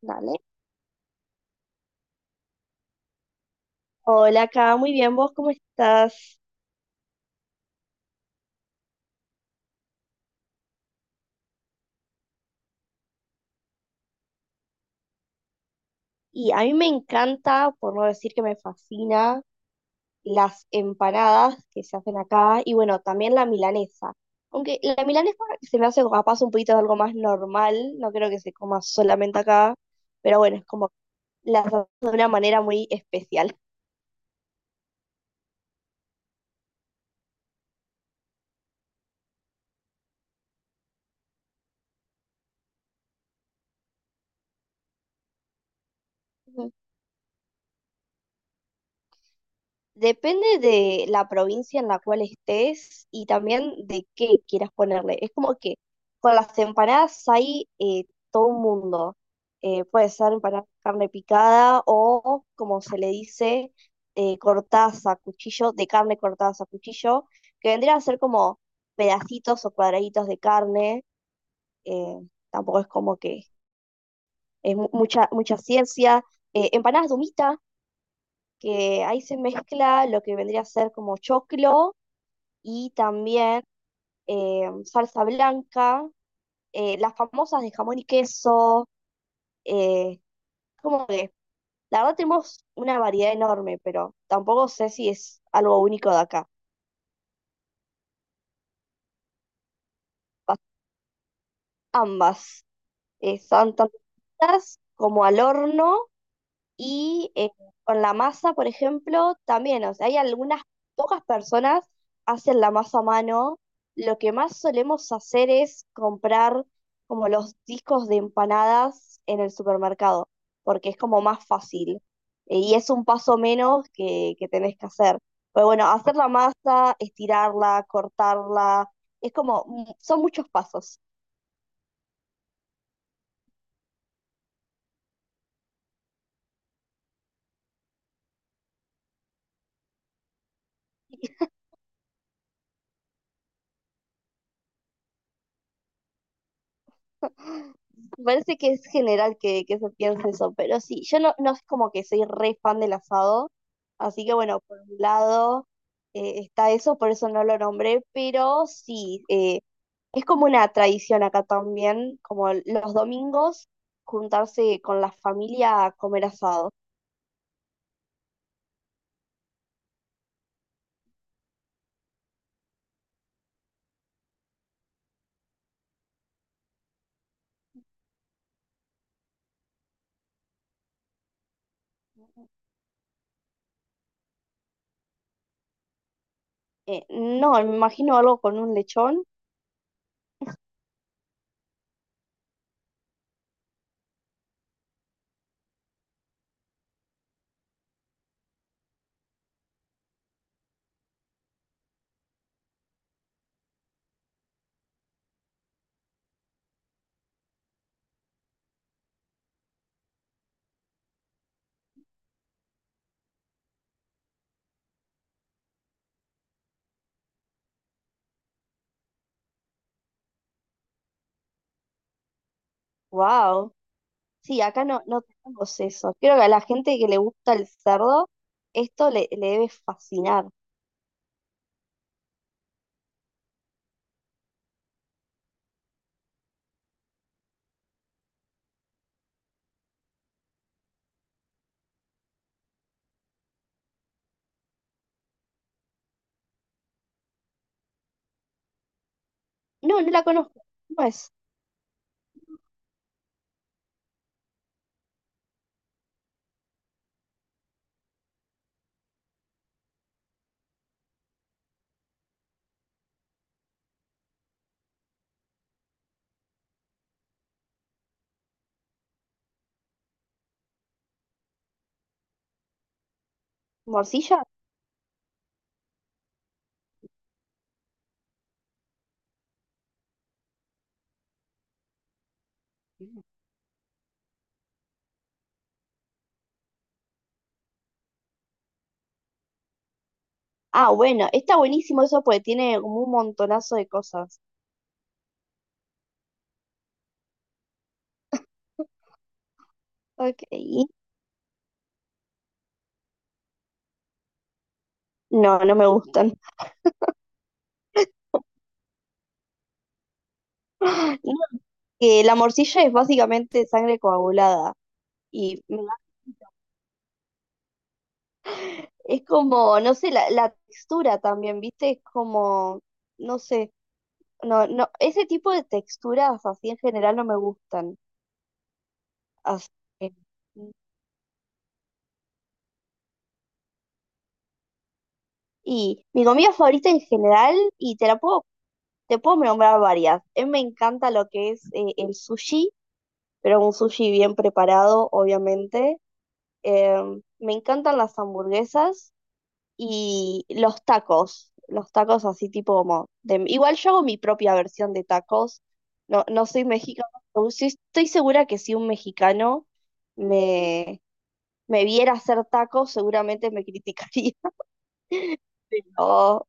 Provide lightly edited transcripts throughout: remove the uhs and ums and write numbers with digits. Dale. Hola, acá, muy bien, ¿vos cómo estás? Y a mí me encanta, por no decir que me fascina, las empanadas que se hacen acá y bueno, también la milanesa. Aunque la milanesa se me hace capaz un poquito de algo más normal, no creo que se coma solamente acá, pero bueno, es como la hacemos de una manera muy especial. Depende de la provincia en la cual estés y también de qué quieras ponerle. Es como que con las empanadas hay todo un mundo. Puede ser empanada de carne picada o, como se le dice, cortaza, cuchillo, de carne cortaza, cuchillo, que vendrían a ser como pedacitos o cuadraditos de carne. eh, Tampoco es como que es mucha, mucha ciencia. Empanadas de humita, que ahí se mezcla lo que vendría a ser como choclo y también salsa blanca, las famosas de jamón y queso, eh, como que la verdad tenemos una variedad enorme, pero tampoco sé si es algo único de acá. Pas- Ambas están tanto fritas como al horno. Y con la masa, por ejemplo, también, o sea, hay algunas pocas personas hacen la masa a mano. Lo que más solemos hacer es comprar como los discos de empanadas en el supermercado, porque es como más fácil. Y es un paso menos que tenés que hacer. Pero bueno, hacer la masa, estirarla, cortarla, es como, son muchos pasos. Me parece que es general que se piense eso, pero sí, yo no, no es como que soy re fan del asado, así que bueno, por un lado está eso, por eso no lo nombré, pero sí, es como una tradición acá también, como los domingos juntarse con la familia a comer asado. No, me imagino algo con un lechón, wow. Sí, acá no, no tenemos eso. Creo que a la gente que le gusta el cerdo, le debe fascinar. No, no la conozco, ¿cómo es? ¿Morcilla? Mm. Ah, bueno, está buenísimo eso porque tiene como un montonazo de cosas. Ok. No, no me gustan. No, que la morcilla es básicamente sangre coagulada. Y me da- es como, no sé, la textura también, ¿viste? Es como, no sé, no, no, ese tipo de texturas así en general no me gustan. Así que- y mi comida favorita en general, y te puedo nombrar varias. A mí me encanta lo que es el sushi, pero un sushi bien preparado, obviamente. Eh, me encantan las hamburguesas y los tacos así tipo como... igual yo hago mi propia versión de tacos, no, no soy mexicano, pero sí estoy segura que si un mexicano me, me viera hacer tacos, seguramente me criticaría. O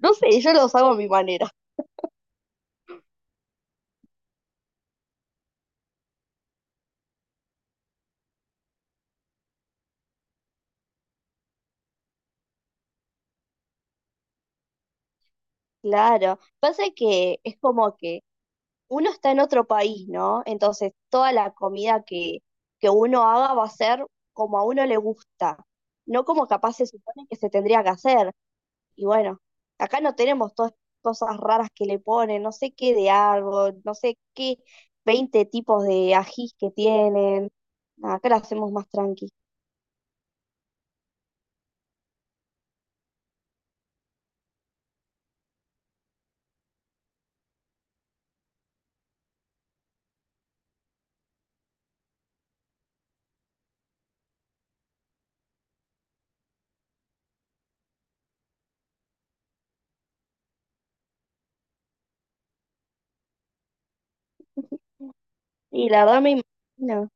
no sé, yo los hago a mi manera. Claro, pasa que es como que uno está en otro país, ¿no? Entonces, toda la comida que uno haga va a ser como a uno le gusta, no como capaz se supone que se tendría que hacer. Y bueno, acá no tenemos todas estas cosas raras que le ponen, no sé qué de árbol, no sé qué 20 tipos de ajís que tienen. Nada, acá lo hacemos más tranqui. Y la verdad me imagino.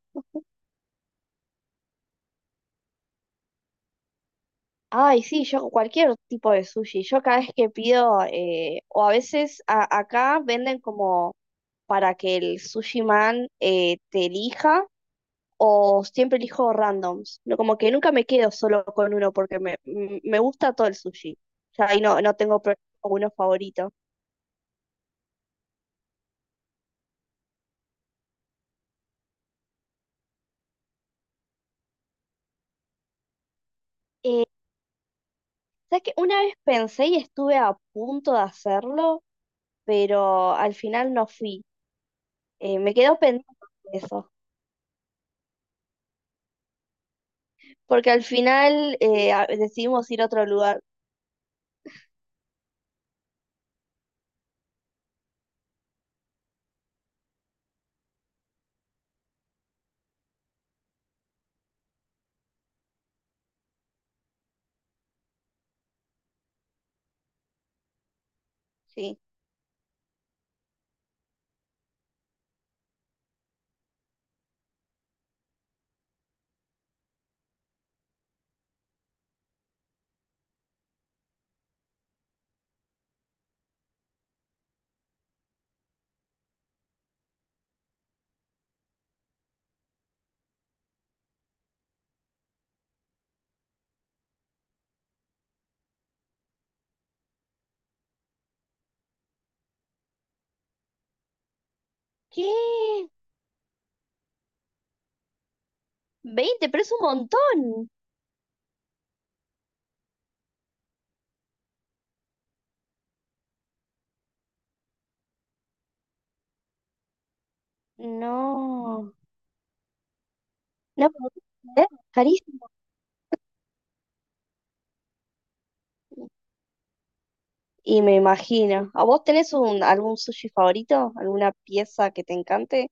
Ay, sí, yo cualquier tipo de sushi. Yo cada vez que pido, o a veces acá venden como para que el sushi man te elija, o siempre elijo randoms. No, como que nunca me quedo solo con uno porque me gusta todo el sushi. Ya ahí no, no tengo uno favorito. Eh, ¿Sabes qué? Una vez pensé y estuve a punto de hacerlo, pero al final no fui. Me quedo pendiente de eso. Porque al final decidimos ir a otro lugar. Sí. ¿Qué? 20 pero es un montón. No. No puedo creer, carísimo. Y me imagino. ¿A vos tenés un, algún sushi favorito? ¿Alguna pieza que te encante?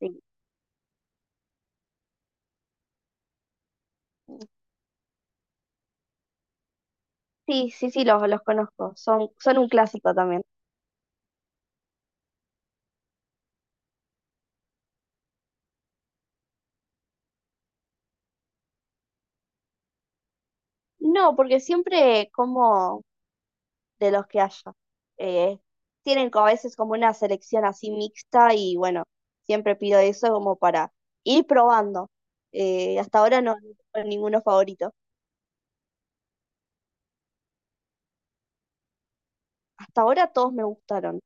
Sí. Sí, sí, sí, los conozco. Son, son un clásico también. No, porque siempre como de los que haya. Eh, tienen como a veces como una selección así mixta y bueno, siempre pido eso como para ir probando. Hasta ahora no no tengo ninguno favorito. Hasta ahora todos me gustaron.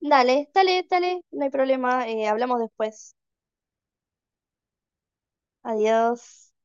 Dale, dale, dale, no hay problema, hablamos después. Adiós.